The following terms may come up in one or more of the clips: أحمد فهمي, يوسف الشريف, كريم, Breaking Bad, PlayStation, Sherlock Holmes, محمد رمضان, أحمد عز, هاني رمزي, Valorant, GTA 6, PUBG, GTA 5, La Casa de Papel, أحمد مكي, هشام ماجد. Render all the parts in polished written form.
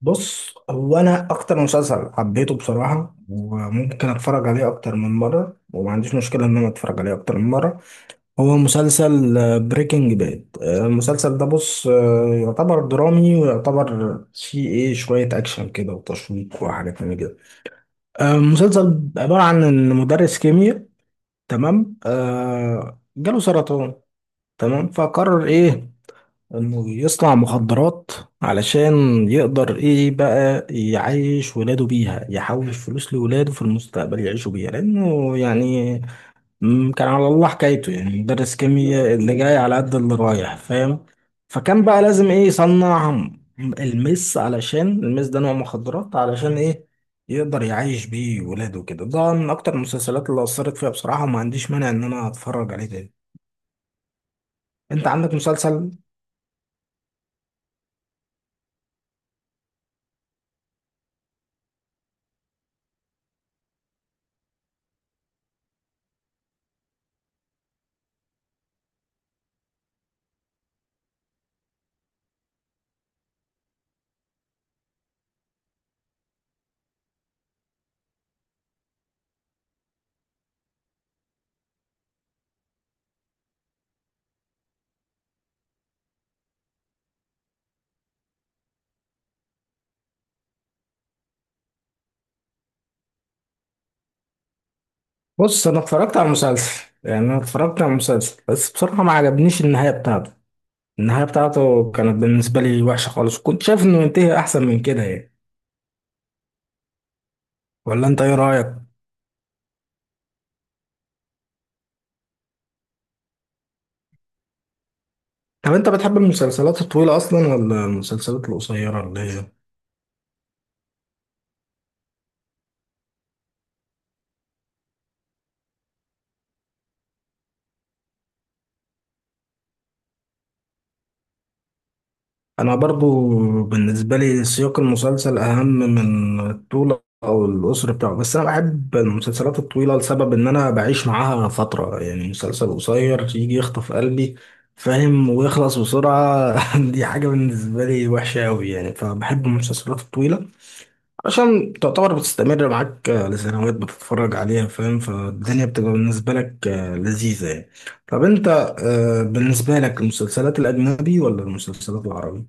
بص هو انا اكتر مسلسل حبيته بصراحه وممكن اتفرج عليه اكتر من مره وما عنديش مشكله ان انا اتفرج عليه اكتر من مره. هو مسلسل بريكنج باد. المسلسل ده بص يعتبر درامي ويعتبر فيه ايه شويه اكشن كده وتشويق وحاجات من كده. المسلسل عباره عن ان مدرس كيمياء، تمام، جاله سرطان، تمام، فقرر ايه؟ انه يصنع مخدرات علشان يقدر ايه بقى يعيش ولاده بيها، يحوش فلوس لولاده في المستقبل يعيشوا بيها، لانه يعني كان على الله حكايته، يعني مدرس كيمياء اللي جاي على قد اللي رايح، فاهم؟ فكان بقى لازم ايه؟ يصنع المس، علشان المس ده نوع مخدرات، علشان ايه؟ يقدر يعيش بيه ولاده كده. ده من اكتر المسلسلات اللي اثرت فيها بصراحة، وما عنديش مانع ان انا اتفرج عليه تاني. انت عندك مسلسل؟ بص انا اتفرجت على المسلسل، يعني انا اتفرجت على المسلسل بس بصراحه ما عجبنيش النهايه بتاعته. النهايه بتاعته كانت بالنسبه لي وحشه خالص، كنت شايف انه ينتهي احسن من كده يعني. ولا انت ايه رايك؟ طب انت بتحب المسلسلات الطويله اصلا ولا المسلسلات القصيره اللي هي؟ انا برضو بالنسبه لي سياق المسلسل اهم من الطول او القصر بتاعه، بس انا بحب المسلسلات الطويله لسبب ان انا بعيش معاها فتره، يعني مسلسل قصير يجي يخطف قلبي، فاهم؟ ويخلص بسرعه دي حاجه بالنسبه لي وحشه قوي يعني، فبحب المسلسلات الطويله عشان تعتبر بتستمر معاك لسنوات بتتفرج عليها، فاهم؟ فالدنيا بتبقى بالنسبه لك لذيذه يعني. طب انت، بالنسبه لك المسلسلات الاجنبي ولا المسلسلات العربي؟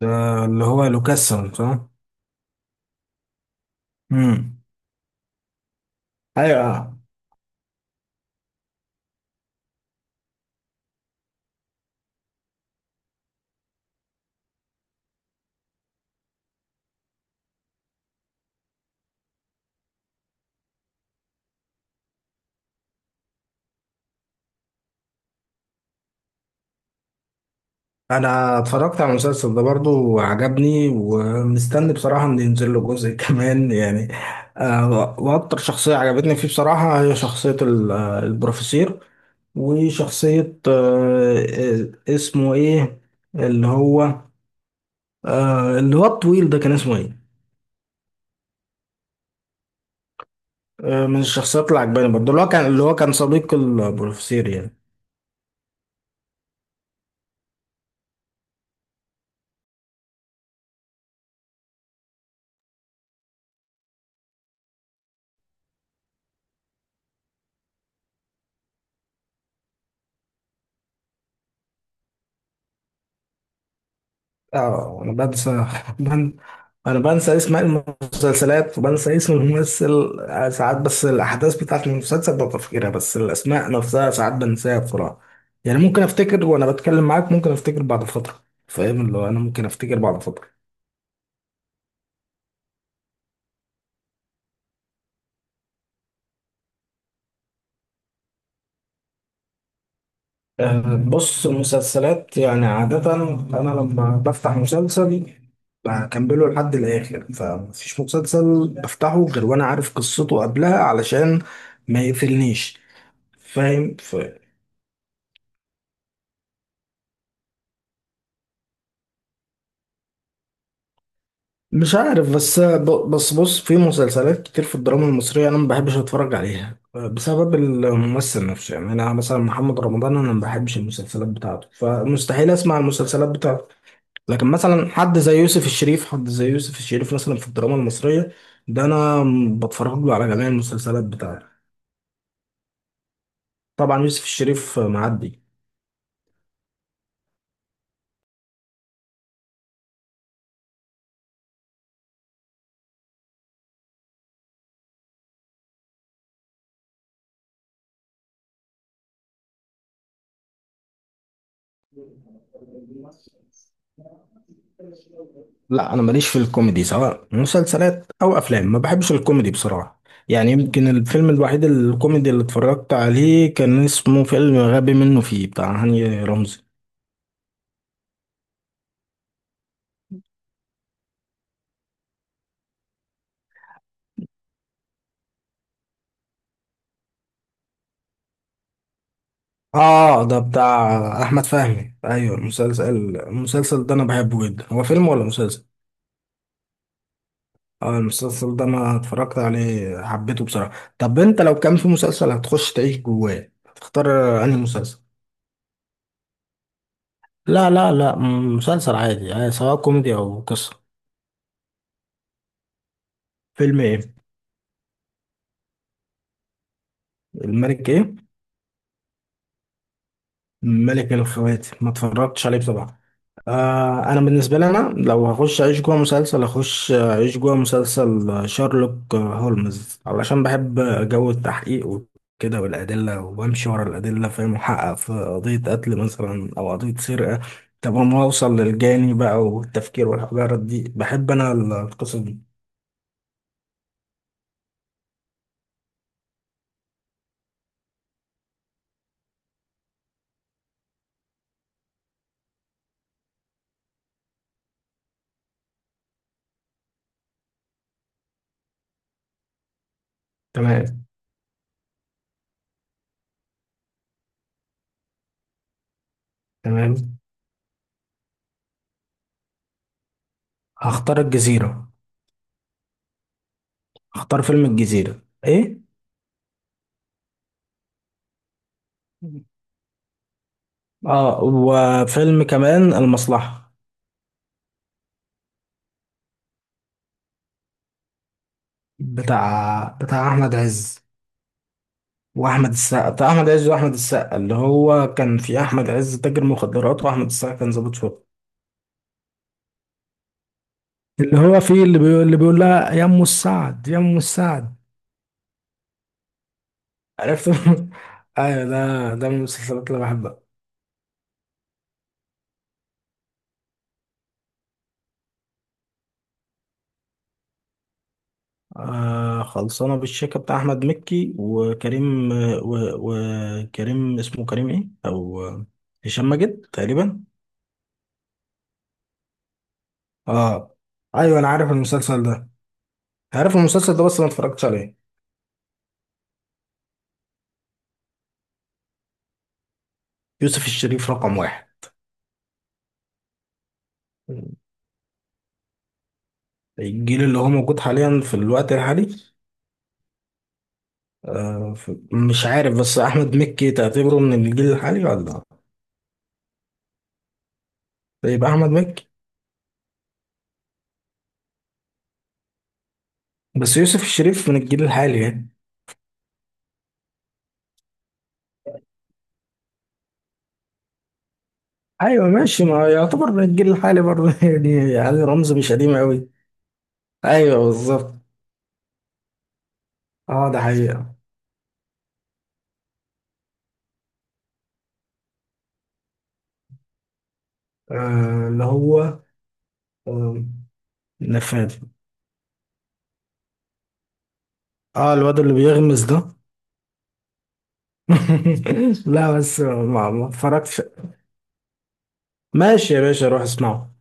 ده اللي هو لوكاسون صح؟ امم. ايوه، آه. انا اتفرجت على المسلسل ده برضو وعجبني، ومستني بصراحة ان ينزل له جزء كمان يعني. واكتر شخصية عجبتني فيه بصراحة هي شخصية البروفيسور، وشخصية اسمه ايه؟ اللي هو، اللي هو الطويل ده كان اسمه ايه؟ من الشخصيات اللي عجباني برضو، اللي هو كان، اللي هو كان صديق البروفيسور يعني. اه انا بنسى، بن... انا بنسى اسم المسلسلات وبنسى اسم الممثل ساعات، بس الاحداث بتاعت المسلسل ببقى فاكرها، بس الاسماء نفسها ساعات بنساها بسرعه يعني. ممكن افتكر وانا بتكلم معاك، ممكن افتكر بعد فتره، فاهم؟ اللي هو انا ممكن افتكر بعد فتره. بص المسلسلات يعني عاده انا لما بفتح مسلسل بكمله لحد الاخر، فمفيش مسلسل بفتحه غير وانا عارف قصته قبلها علشان ما يقفلنيش، فاهم؟ مش عارف بس بص، في مسلسلات كتير في الدراما المصرية أنا ما بحبش أتفرج عليها بسبب الممثل نفسه، يعني أنا مثلا محمد رمضان، أنا ما بحبش المسلسلات بتاعته فمستحيل أسمع المسلسلات بتاعته. لكن مثلا حد زي يوسف الشريف حد زي يوسف الشريف مثلا في الدراما المصرية، ده بتفرج له على جميع المسلسلات بتاعته. طبعا يوسف الشريف. معدي. لا انا ماليش في الكوميدي، سواء مسلسلات او افلام، ما بحبش الكوميدي بصراحه. يعني يمكن الفيلم الوحيد الكوميدي اللي اتفرجت عليه كان اسمه فيلم غبي منه فيه بتاع هاني رمزي. اه ده بتاع احمد فهمي، ايوه المسلسل ده انا بحبه جدا، هو فيلم ولا مسلسل؟ اه المسلسل ده انا اتفرجت عليه حبيته بصراحه. طب انت لو كان في مسلسل هتخش تعيش جواه، هتختار انهي مسلسل؟ لا، مسلسل عادي يعني، سواء كوميدي او قصه. فيلم ايه؟ الملك ايه؟ ملك الخواتم ما اتفرجتش عليه بصراحه. آه انا بالنسبه لي انا لو هخش اعيش جوه مسلسل، اخش اعيش جوه مسلسل شارلوك هولمز، علشان بحب جو التحقيق وكده والادله، وامشي ورا الادله، فاهم؟ محقق في قضيه قتل مثلا او قضيه سرقه، طب اما اوصل للجاني بقى، والتفكير والحجارات دي، بحب انا القصص دي. تمام. تمام. هختار الجزيره. هختار فيلم الجزيره ايه. اه وفيلم كمان المصلحة. بتاع أحمد عز وأحمد السقا، بتاع أحمد عز وأحمد السقا، اللي هو كان في أحمد عز تاجر مخدرات وأحمد السقا كان ضابط شرطة. اللي هو فيه اللي بيقول لها يا أم السعد يا أم السعد. عرفت أيوة، ده ده من المسلسلات اللي بحبها. آه خلصانة بالشيكة بتاع أحمد مكي وكريم، وكريم اسمه كريم إيه، أو هشام ماجد تقريبا. اه ايوه انا عارف المسلسل ده، عارف المسلسل ده بس ما اتفرجتش عليه. يوسف الشريف رقم واحد. الجيل اللي هو موجود حاليا، في الوقت الحالي. آه مش عارف، بس احمد مكي تعتبره من الجيل الحالي ولا؟ يبقى احمد مكي. بس يوسف الشريف من الجيل الحالي يعني. ايوه ماشي، ما يعتبر من الجيل الحالي برضه يعني، يعني رمز مش قديم قوي. ايوه بالظبط. اه ده حقيقة. آه اللي هو، آه نفاد. اه الواد اللي بيغمز ده لا بس ما اتفرجتش. ماشي يا باشا، روح اسمعه.